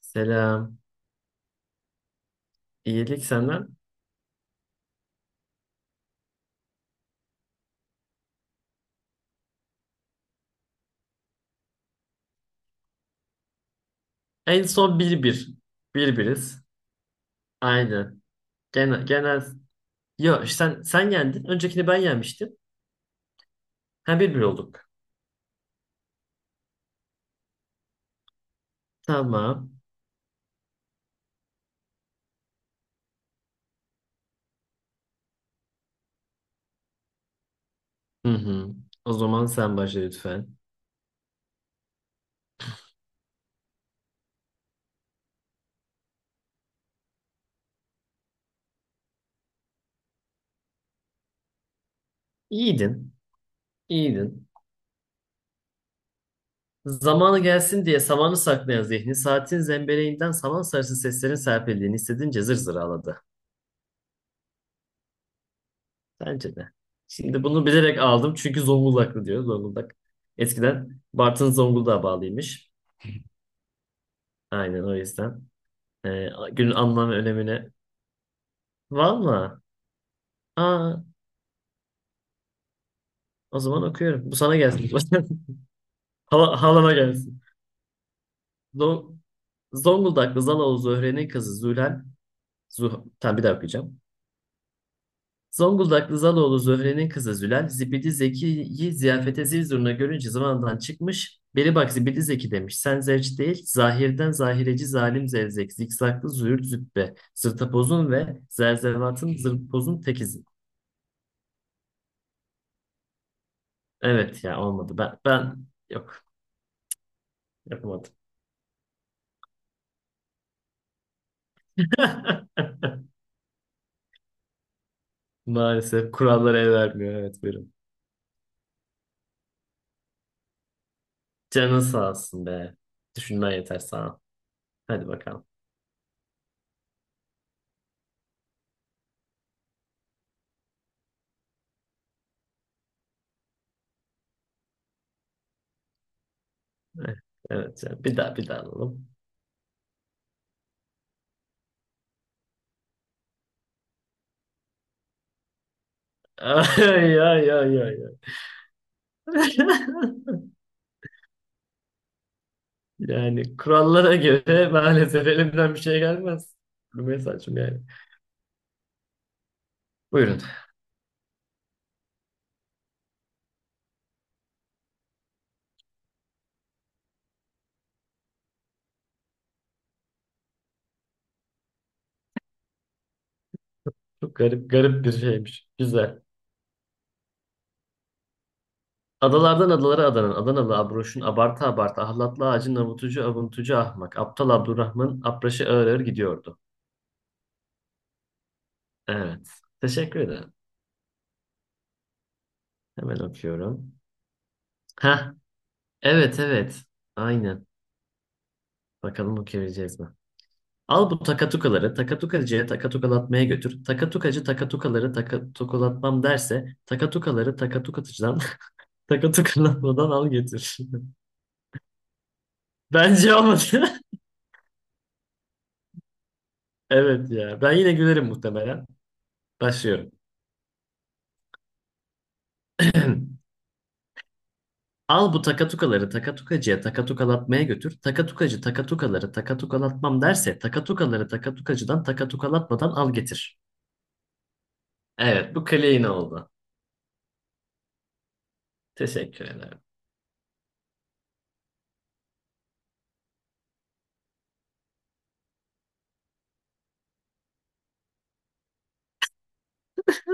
Selam. İyilik senden. En son bir bir bir biriz. Aynen. Genel, genel. Yo sen yendin. Öncekini ben yenmiştim. Ha bir bir olduk. Tamam. Hı hı. O zaman sen başla lütfen. İyiydin. İyiydin. Zamanı gelsin diye samanı saklayan zihni saatin zembeleğinden saman sarısı seslerin serpildiğini hissedince zır zır ağladı. Bence de. Şimdi bunu bilerek aldım çünkü Zonguldaklı diyor. Zonguldak. Eskiden Bartın Zonguldak'a bağlıymış. Aynen o yüzden. Günün anlam ve önemine. Valla. Aa, o zaman okuyorum. Bu sana gelsin. Halama gelsin. Zo- Zonguldaklı Zaloğlu Zöhre'nin kızı Zülal. Zuh tamam, bir daha okuyacağım. Zonguldaklı Zaloğlu Zöhre'nin kızı Zülal, Zibidi Zeki'yi ziyafete zil zurna görünce zamandan çıkmış. Beli bak Zibidi Zeki demiş. Sen zevç değil, zahirden zahireci zalim zevzek, zikzaklı züğürt züppe, zırtapozun ve zerzevatın zırtpozun tekizi. Evet ya, olmadı. Ben yok, yapamadım. Maalesef kurallara el vermiyor. Evet, buyurun. Canın sağ olsun be. Düşünmen yeter sana. Hadi bakalım. Eh, evet canım. Bir daha, bir daha alalım. Ay ay ay ay ay. Yani kurallara göre maalesef elimden bir şey gelmez. Rümeysa saçım yani. Buyurun. Çok garip garip bir şeymiş. Güzel. Adalardan adalara adanan Adanalı Abroş'un abarta abarta ahlatlı ağacın avutucu avuntucu ahmak. Aptal Abdurrahman apraşı ağır ağır gidiyordu. Evet. Teşekkür ederim. Hemen okuyorum. Ha, evet evet. Aynen. Bakalım okuyabileceğiz mi? Al bu takatukaları takatukacıya takatukalatmaya götür. Takatukacı takatukaları takatukalatmam derse takatukaları takatukatıcıdan takatukalatmadan al götür. Bence olmadı. Evet ya. Ben yine gülerim muhtemelen. Başlıyorum. Al bu takatukaları takatukacıya takatukalatmaya götür. Takatukacı takatukaları takatukalatmam derse takatukaları takatukacıdan takatukalatmadan al getir. Evet, bu clean oldu. Teşekkür ederim.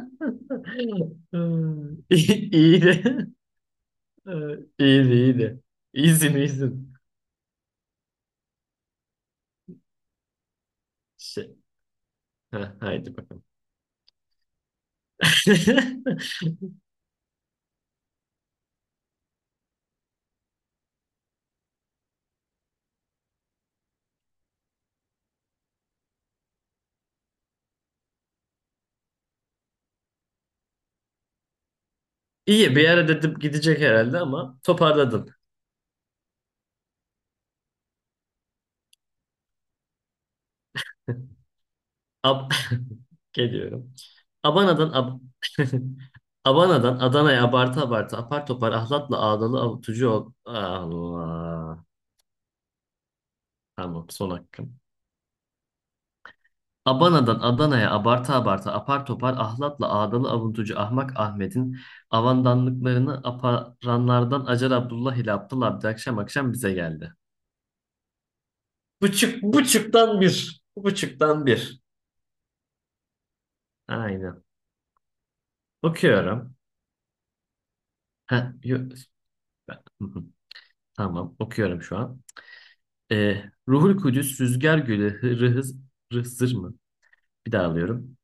Hmm, İyi iyiydi. İyiydi, iyiydi. İyisin, iyisin. Şey, ha, haydi bakalım. İyi, bir ara dedim gidecek herhalde ama toparladın. Ab Geliyorum. Abana'dan Abana'dan Adana'ya abartı abartı apar topar ahlatla ağdalı avutucu ol. Allah. Tamam, son hakkım. Abana'dan Adana'ya abarta abarta apar topar ahlatla ağdalı avuntucu ahmak Ahmet'in avandanlıklarını aparanlardan Acar Abdullah ile Abdullah Abdi akşam akşam bize geldi. Buçuk, buçuktan bir. Buçuktan bir. Aynen. Okuyorum. Ha, tamam, okuyorum şu an. Ruhul Kudüs, Rüzgar Gülü, Hırhız Rızır mı? Bir daha alıyorum.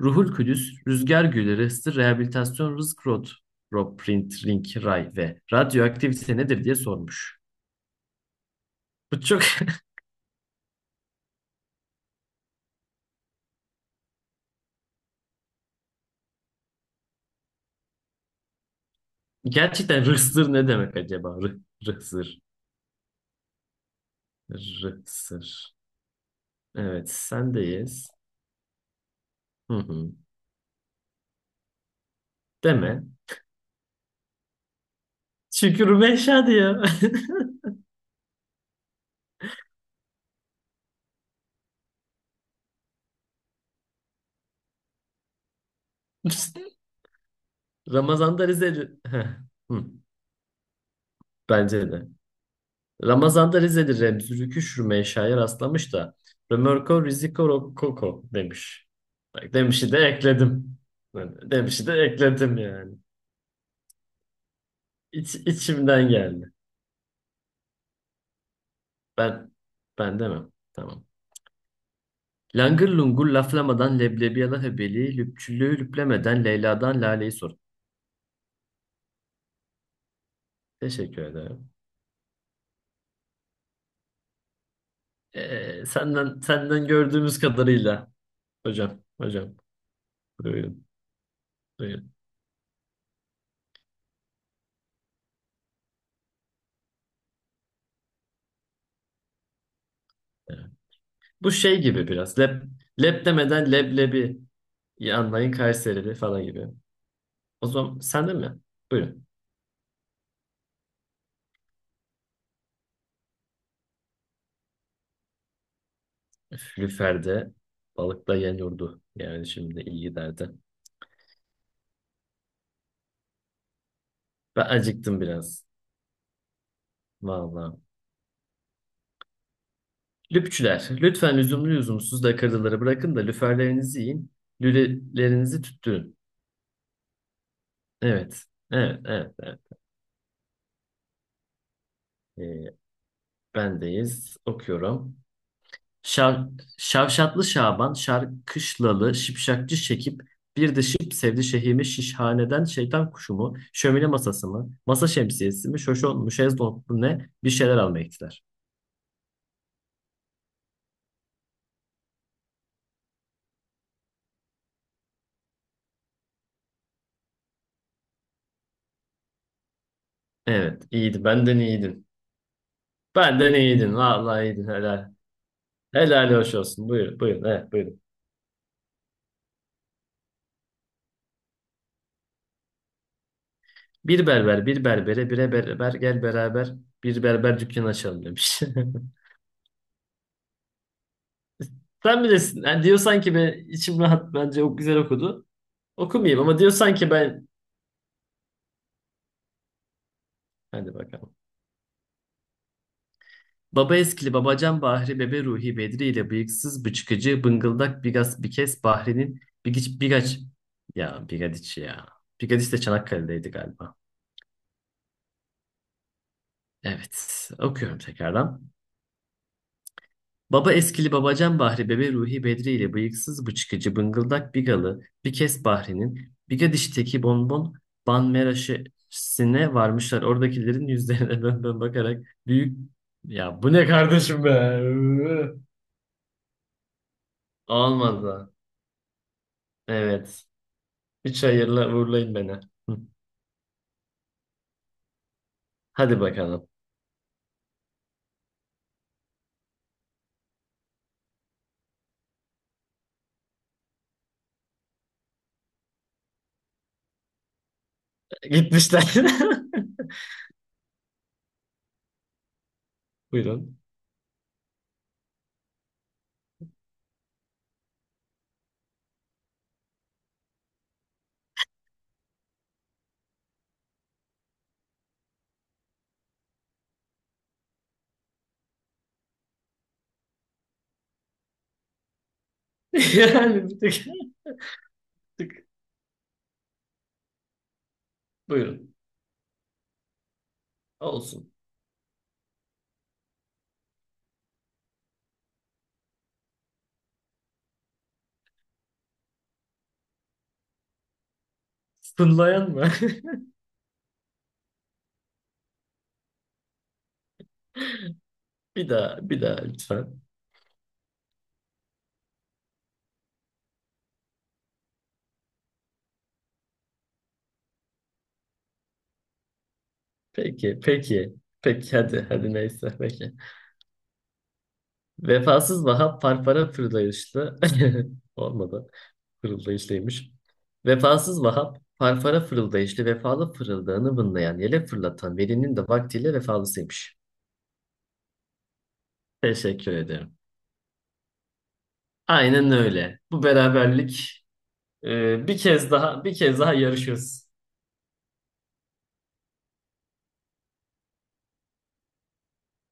Ruhul Kudüs, Rüzgar Gülleri, Hısır Rehabilitasyon Rızk Rod, Rob Print, Ring, Ray ve radyoaktivite nedir diye sormuş. Bu çok. Gerçekten rıhsır ne demek acaba? Rıhsır, rıhsır. Evet, sendeyiz. Hı hı. Deme. Şükür Meşa diyor. Ramazan'da Rize'li. Heh, hı. Bence de. Ramazan'da Rize'li Remzi Şürme'ye şair rastlamış da Römorko Riziko Rokoko demiş. Bak, demişi de ekledim. Yani demişi de ekledim yani. İçimden geldi. Ben ben demem. Tamam. Langır lungur laflamadan leblebiyalı hebeli, lüpçülüğü lüplemeden Leyla'dan Lale'yi sor. Teşekkür ederim. Senden gördüğümüz kadarıyla hocam hocam, buyurun buyurun. Evet. Bu şey gibi biraz, lep demeden leblebi. Yanlayın Kayserili falan gibi. O zaman sen de mi? Buyurun. Lüfer'de balıkla yan yurdu. Yani şimdi iyi giderdi. Ben acıktım biraz. Vallahi. Lüpçüler, lütfen lüzumlu lüzumsuz dakikaları bırakın da lüferlerinizi yiyin. Lülelerinizi tüttürün. Evet. Evet, evet, evet. Ee, Bendeyiz. Okuyorum. Şav, Şavşatlı Şaban, Şarkışlalı, Şipşakçı Şekip, bir de Şıp sevdi şehimi şişhaneden şeytan kuşu mu, şömine masası mı, masa şemsiyesi mi, şoşon mu, şezlong mu ne, bir şeyler almaya gittiler. Evet, iyiydi. Benden iyiydin. Benden iyiydin. Vallahi iyiydin. Helal. Helal hoş olsun. Buyurun, buyurun. Evet, buyurun. Bir berber, bir berbere, bire berber, gel beraber bir berber dükkanı açalım demiş. Sen bilirsin. Yani diyor sanki ben, içim rahat, bence o güzel okudu. Okumayayım ama diyor sanki ben. Hadi bakalım. Baba eskili babacan Bahri bebe Ruhi Bedri ile bıyıksız bıçkıcı bıngıldak bigas bikes Bahri'nin bigiç bigaç ya bigadiç ya. Bigadiç de Çanakkale'deydi galiba. Evet, okuyorum tekrardan. Baba eskili babacan Bahri bebe Ruhi Bedri ile bıyıksız bıçkıcı bıngıldak bigalı bikes Bahri'nin bigadişteki bonbon banmeraşesine varmışlar. Oradakilerin yüzlerine dön dön bakarak büyük, ya bu ne kardeşim be? Olmadı. Evet. Üç hayırla uğurlayın beni. Hı. Hadi bakalım. Gitmişler. Buyurun. Yani bir tık, bir tık. Buyurun. Olsun. Sınlayan mı? Bir daha, bir daha lütfen. Peki, peki. Peki hadi, hadi neyse. Peki. Vefasız Vahap parpara fırlayışlı. Olmadı. Fırıldayışlıymış. Vefasız Vahap parpara fırıldayışlı vefalı fırıldağını vınlayan yele fırlatan velinin de vaktiyle vefalısıymış. Teşekkür ederim. Aynen öyle. Bu beraberlik, bir kez daha, bir kez daha yarışıyoruz.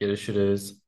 Görüşürüz.